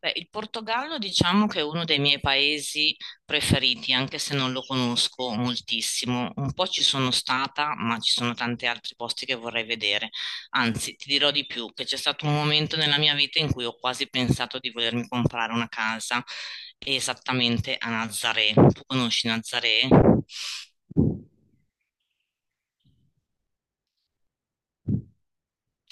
Beh, il Portogallo diciamo che è uno dei miei paesi preferiti, anche se non lo conosco moltissimo. Un po' ci sono stata, ma ci sono tanti altri posti che vorrei vedere. Anzi, ti dirò di più, che c'è stato un momento nella mia vita in cui ho quasi pensato di volermi comprare una casa esattamente a Nazaré. Tu conosci Nazaré?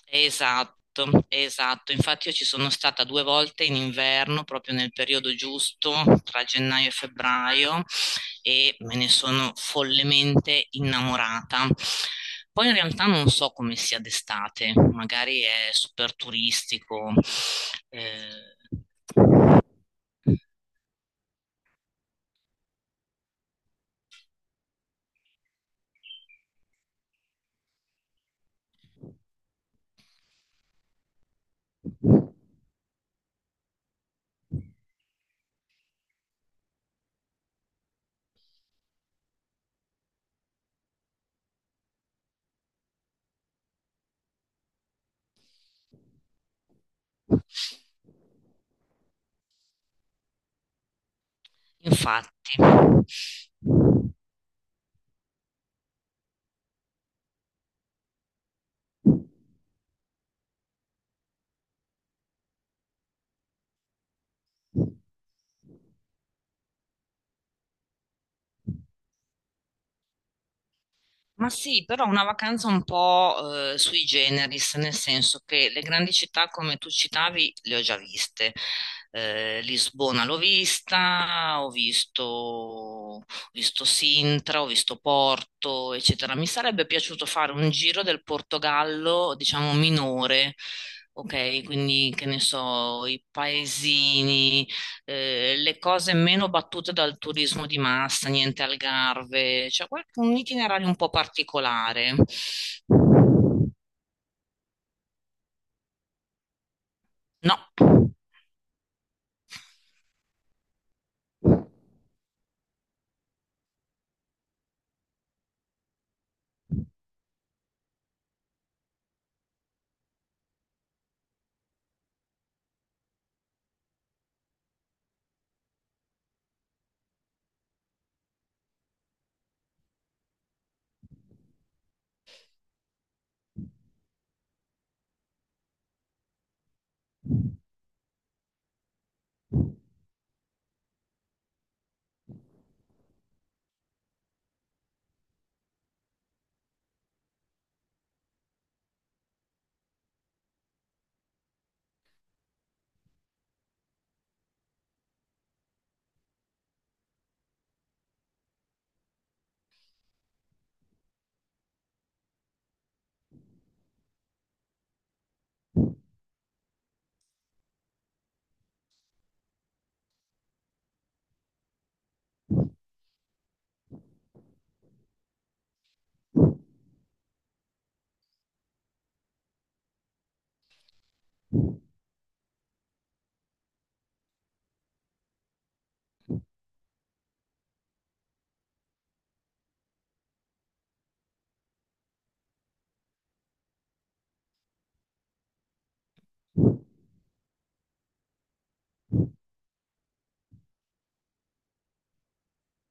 Esatto, esatto. Infatti io ci sono stata due volte in inverno, proprio nel periodo giusto, tra gennaio e febbraio, e me ne sono follemente innamorata. Poi in realtà non so come sia d'estate, magari è super turistico. eh, Infatti. Ma sì, però una vacanza un po' sui generis, nel senso che le grandi città come tu citavi le ho già viste. Lisbona l'ho vista, ho visto Sintra, ho visto Porto, eccetera. Mi sarebbe piaciuto fare un giro del Portogallo, diciamo minore, ok? Quindi che ne so, i paesini, le cose meno battute dal turismo di massa, niente Algarve, cioè un itinerario un po' particolare.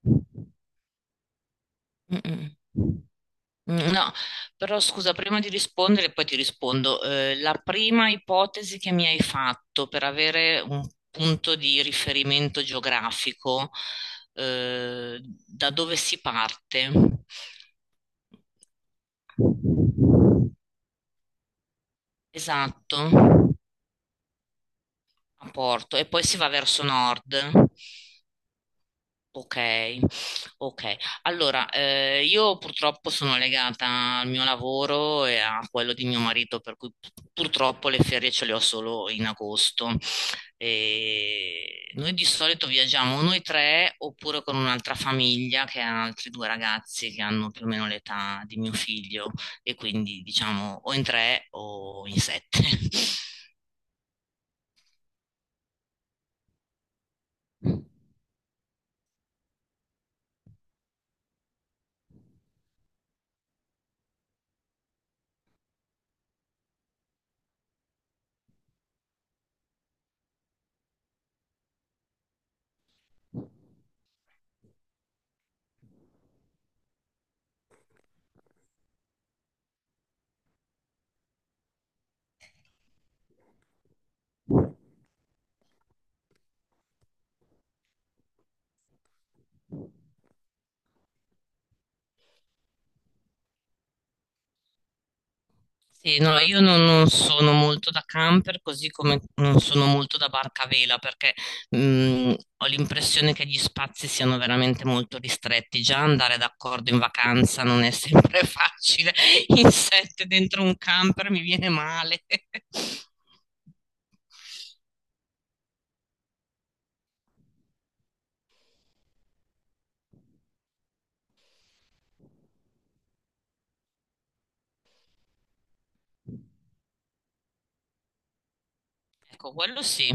No. Mm-mm. Mm, no, però scusa, prima di rispondere, poi ti rispondo. La prima ipotesi che mi hai fatto per avere un punto di riferimento geografico, eh, da dove si parte? Esatto, a Porto, e poi si va verso nord. Ok, ok. Allora, io purtroppo sono legata al mio lavoro e a quello di mio marito, per cui purtroppo le ferie ce le ho solo in agosto. E noi di solito viaggiamo noi tre oppure con un'altra famiglia che ha altri due ragazzi che hanno più o meno l'età di mio figlio e quindi diciamo o in tre o in sette. Sì, no, io non, non sono molto da camper, così come non sono molto da barca a vela, perché ho l'impressione che gli spazi siano veramente molto ristretti. Già andare d'accordo in vacanza non è sempre facile. In sette dentro un camper mi viene male. Ecco, quello sì.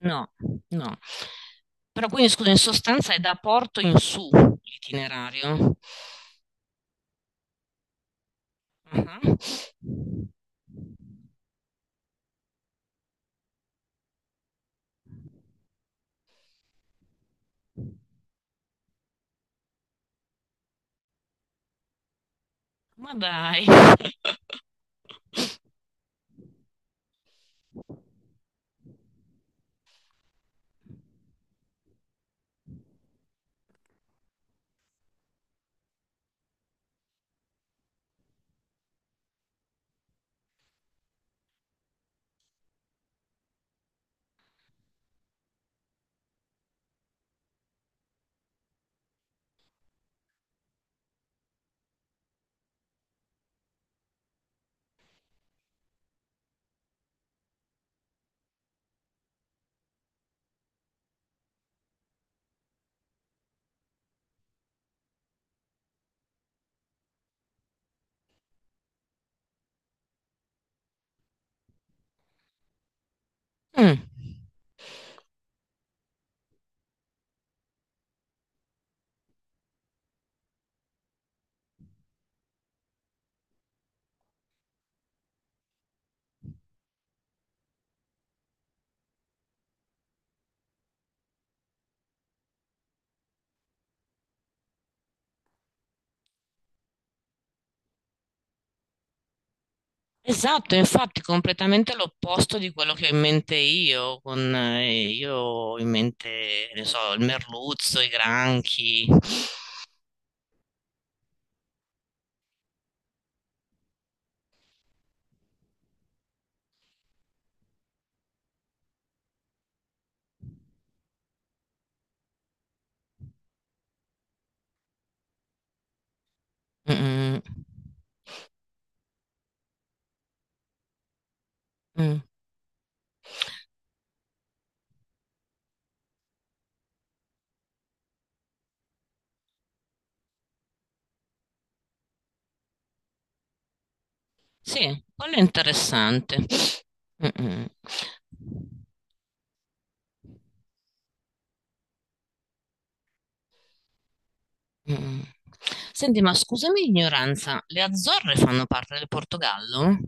No, no. Però quindi, scusa, in sostanza è da Porto in su l'itinerario. Ah. Ma dai. Mm. Esatto, infatti completamente l'opposto di quello che ho in mente io, con io ho in mente, ne so, il merluzzo, i granchi. Mm, mm, mm. Sì, quello è interessante. Mm, mm, mm. Senti, ma scusami l'ignoranza, le Azzorre fanno parte del Portogallo?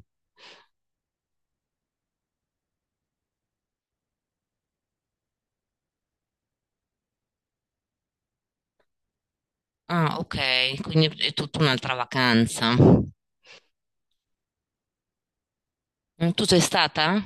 Ah, ok, quindi è tutta un'altra vacanza. Mm, tu sei stata?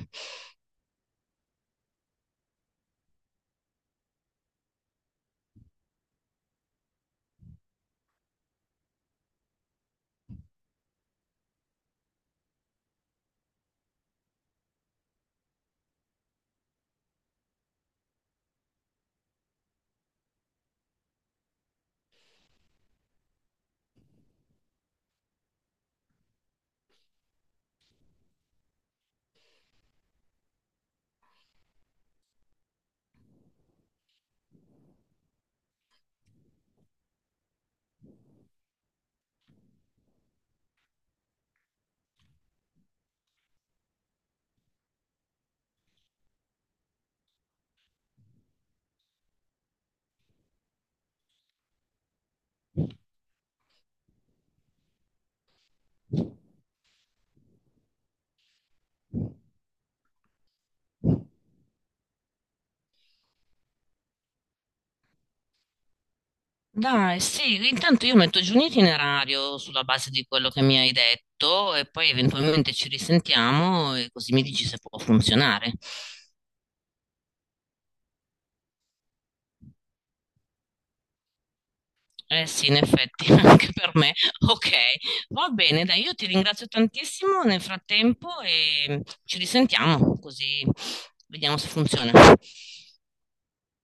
Dai, sì, intanto io metto giù un itinerario sulla base di quello che mi hai detto e poi eventualmente ci risentiamo e così mi dici se può funzionare. Eh sì, in effetti, anche per me. Ok, va bene, dai, io ti ringrazio tantissimo nel frattempo e ci risentiamo così vediamo se funziona.